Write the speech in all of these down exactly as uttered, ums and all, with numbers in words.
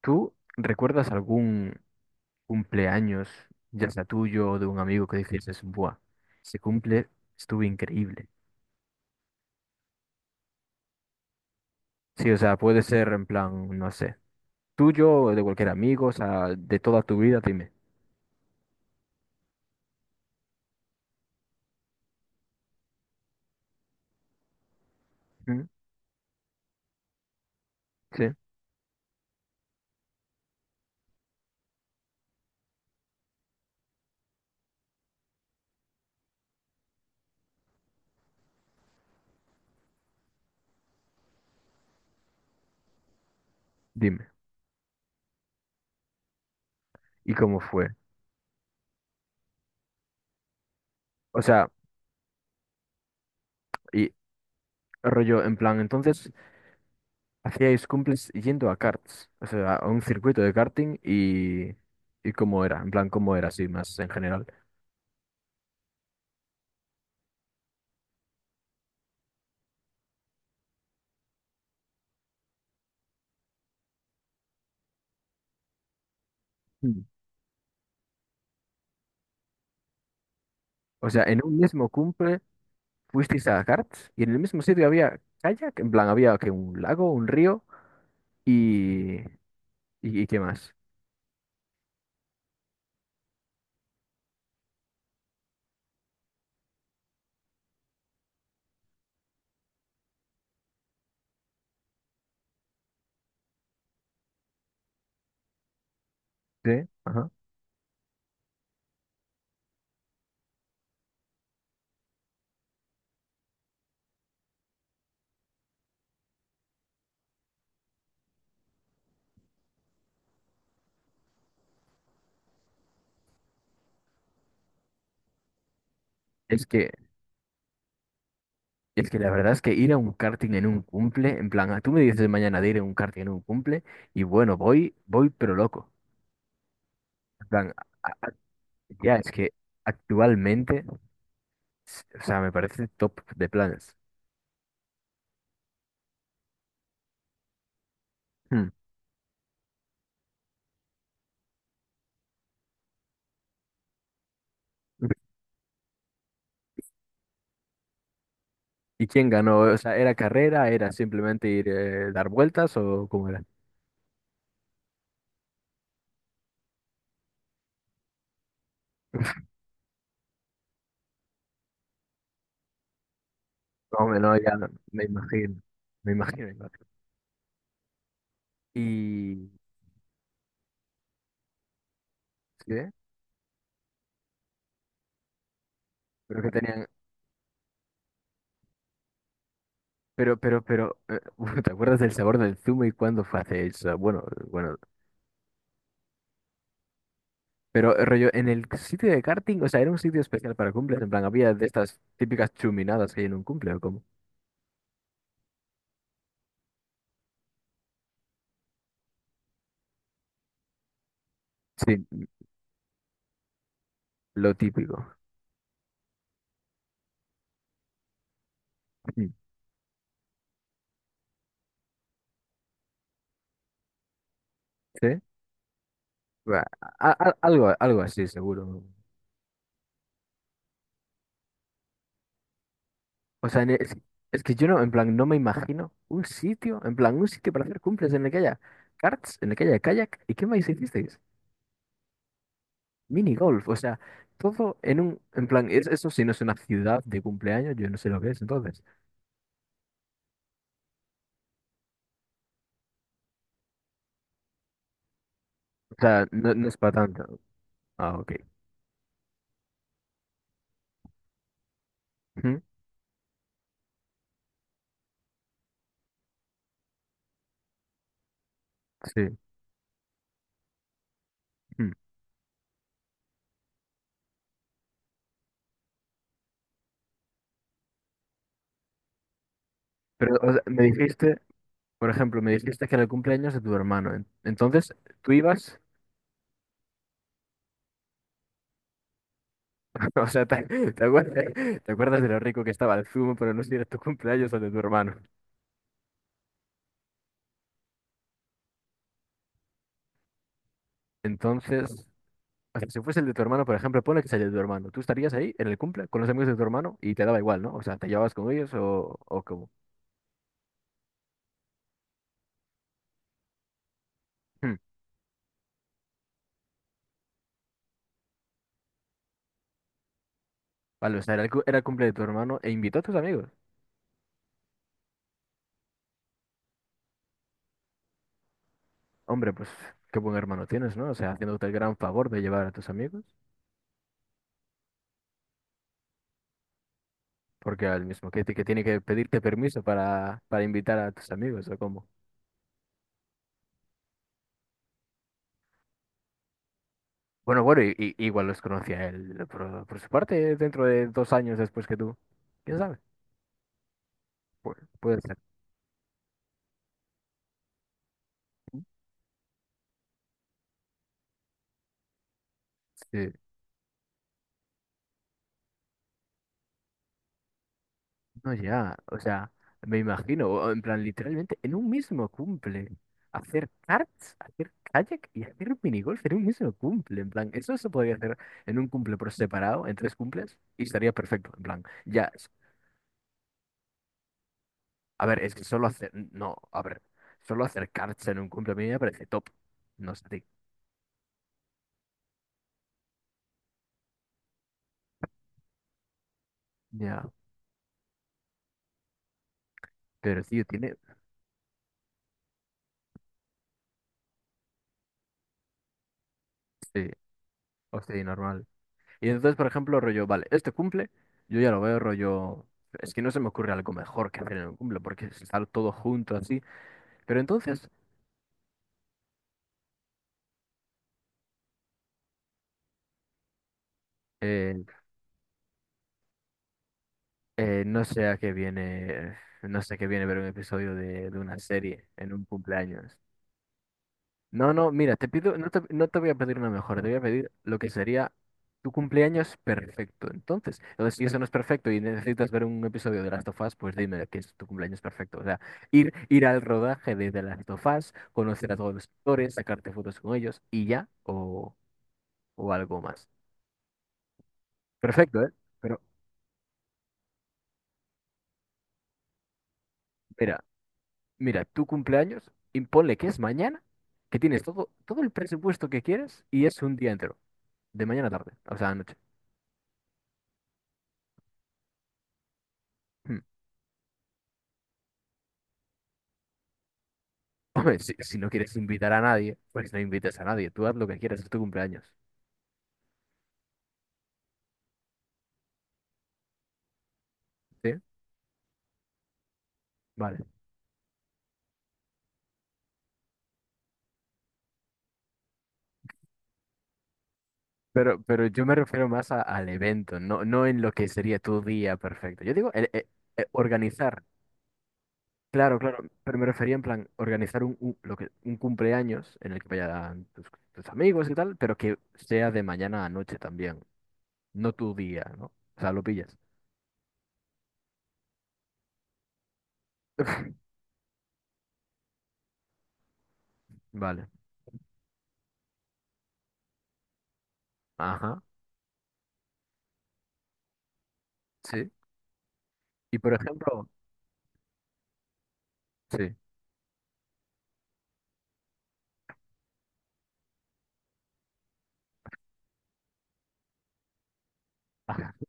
¿Tú recuerdas algún cumpleaños, ya sea tuyo o de un amigo que dices, buah, se cumple, estuvo increíble? Sí, o sea, puede ser en plan, no sé, tuyo o de cualquier amigo, o sea, de toda tu vida, dime. ¿Mm? Sí, dime. ¿Y cómo fue? O sea, y rollo, en plan, entonces, hacíais cumples yendo a karts, o sea, a un circuito de karting y, y cómo era, en plan, cómo era así más en general. Mm. O sea, en un mismo cumple. Fuisteis a Gartz y en el mismo sitio había kayak, en plan había que un lago, un río y, y, y qué más. Sí, ajá. Es que, es que la verdad es que ir a un karting en un cumple, en plan, ah, tú me dices mañana de ir a un karting en un cumple y bueno, voy, voy pero loco. En plan, a- a- ya es que actualmente, s- o sea, me parece top de planes. Hmm. ¿Y quién ganó? O sea, ¿era carrera? ¿Era simplemente ir eh, dar vueltas o cómo era? No, me- no, ya no, me imagino, me imagino. Y. ¿Sí? Pero que tenían. Pero, pero, pero... eh, ¿Te acuerdas del sabor del zumo y cuándo fue hace eso? Bueno, bueno... Pero, eh, rollo, en el sitio de karting, o sea, era un sitio especial para cumples. En plan, había de estas típicas chuminadas que hay en un cumple, ¿o cómo? Sí, lo típico. Mm. ¿Sí? Buah, a- a- algo, algo así, seguro. O sea, en- es, es que yo no, en plan, no me imagino un sitio, en plan, un sitio para hacer cumples en el que haya karts, en el que haya kayak. ¿Y qué más hicisteis? Mini golf, o sea, todo en un, en plan, es- eso sí no es una ciudad de cumpleaños, yo no sé lo que es entonces. O sea, no, no es para tanto. Ah, ok. Ujú, sí. Mm. Pero o sea, me dijiste, por ejemplo, me dijiste que era el cumpleaños de tu hermano. en- Entonces, tú ibas, o sea, te, te acuerdas, te acuerdas de lo rico que estaba el zumo, pero no sé si era tu cumpleaños o el de tu hermano. Entonces, o sea, si fuese el de tu hermano, por ejemplo, pone que es el de tu hermano. Tú estarías ahí en el cumple con los amigos de tu hermano y te daba igual, ¿no? O sea, te llevabas con ellos o, o cómo. Vale, o sea, era el, cu- era el cumple de tu hermano e invitó a tus amigos. Hombre, pues qué buen hermano tienes, ¿no? O sea, haciéndote el gran favor de llevar a tus amigos, porque al mismo que, que tiene que pedirte permiso para, para invitar a tus amigos, ¿o cómo? Bueno, bueno, y, y- igual los conocía él por, por su parte dentro de dos años después que tú. ¿Quién sabe? Pu- puede ser. Sí. No, ya, o sea, me imagino, o- en plan, literalmente, en un mismo cumple, hacer karts, hacer kayak y hacer minigolf en un mismo cumple, en plan, eso se podría hacer en un cumple por separado, en tres cumples, y estaría perfecto, en plan, ya, es- a ver, es que solo hacer, no, a ver, solo hacer karts en un cumple a mí me parece top, no sé a ti. Ya, pero tío, tiene, sí, hostia, y normal. Y entonces, por ejemplo, rollo, vale, este cumple, yo ya lo veo rollo, es que no se me ocurre algo mejor que hacer en un cumple, porque es estar todo junto así. Pero entonces, eh, eh, no sé a qué viene, no sé a qué viene ver un episodio de, de una serie en un cumpleaños. No, no, mira, te pido, no te, no te voy a pedir una mejora, te voy a pedir lo que sería tu cumpleaños perfecto. Entonces, entonces, si eso no es perfecto y necesitas ver un episodio de Last of Us, pues dime qué es tu cumpleaños perfecto. O sea, ir, ir al rodaje de The Last of Us, conocer a todos los actores, sacarte fotos con ellos y ya, o, o algo más. Perfecto, ¿eh? Pero mira, mira, tu cumpleaños, imponle que es mañana, que tienes todo, todo el presupuesto que quieres y es un día entero, de mañana a tarde, o sea, anoche. Hombre, si, si no quieres invitar a nadie, pues no invites a nadie. Tú haz lo que quieras, es tu cumpleaños. ¿Sí? Vale. Pero, pero yo me refiero más a- al evento, no, no en lo que sería tu día perfecto. Yo digo el- eh, eh, organizar. Claro, claro. Pero me refería en plan organizar un, un- lo que, un cumpleaños en el que vayan tus, tus amigos y tal, pero que sea de mañana a noche también. No tu día, ¿no? O sea, lo pillas. Vale. Ajá. Sí. Y por ejemplo, sí.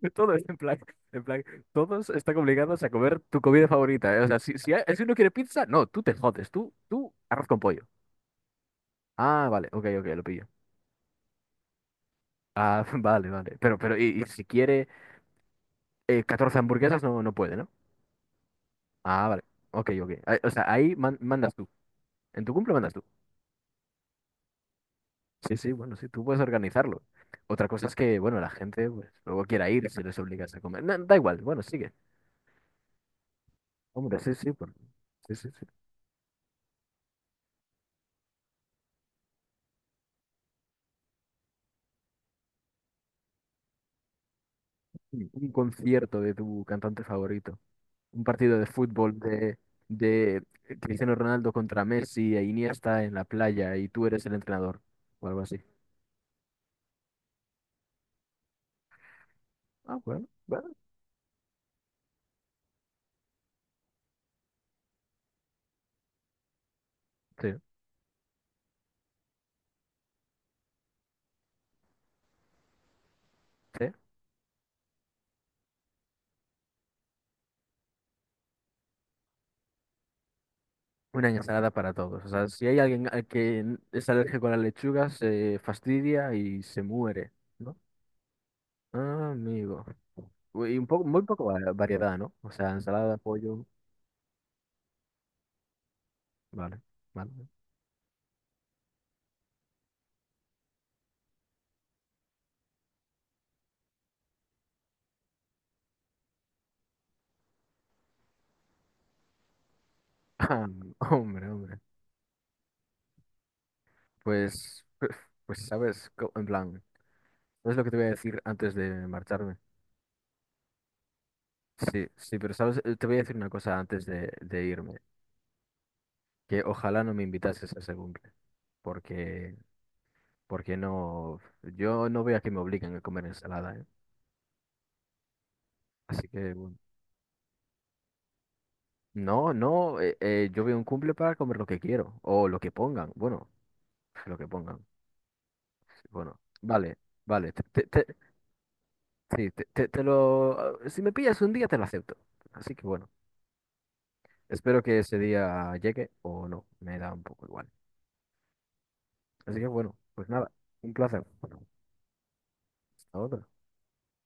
Todo es en plan, en plan, todos están obligados a comer tu comida favorita. ¿Eh? O sea, si, si, hay- si uno quiere pizza, no, tú te jodes, tú, tú arroz con pollo. Ah, vale, ok, ok, lo pillo. Ah, vale, vale. Pero, pero, y, y si quiere eh, catorce hamburguesas, no, no puede, ¿no? Ah, vale, ok, ok. Ah, o sea, ahí man- mandas tú. En tu cumple mandas tú. Sí, sí, bueno, sí, tú puedes organizarlo. Otra cosa es que, bueno, la gente pues, luego quiera ir si les obligas a comer. No, da igual, bueno, sigue. Hombre, sí, sí, por- sí, sí, sí. Un un concierto de tu cantante favorito. Un partido de fútbol de, de Cristiano Ronaldo contra Messi e Iniesta en la playa y tú eres el entrenador o algo así. Ah, bueno, bueno. Sí, sí. Una ensalada para todos. O sea, si hay alguien al que n- es alérgico a la lechuga, se fastidia y se muere, ¿no? Ah, amigo. Uy, y un poco, muy poco va- variedad, ¿no? O sea, ensalada, pollo, vale, vale. Ah, hombre, hombre. Pues, pues, sabes, co- en plan, ¿es lo que te voy a decir antes de marcharme? Sí, sí, pero sabes, Eh, te voy a decir una cosa antes de, de irme, que ojalá no me invitases a ese cumple, porque, porque no, yo no veo a que me obliguen a comer ensalada, ¿eh? Así que, bueno, no, no, eh, eh, yo veo un cumple para comer lo que quiero, o lo que pongan, bueno, lo que pongan, bueno, vale, vale, te, te, te- sí, te, te- te lo, si me pillas un día te lo acepto, así que bueno, espero que ese día llegue o no, me da un poco igual, así que bueno, pues nada, un placer, hasta otra.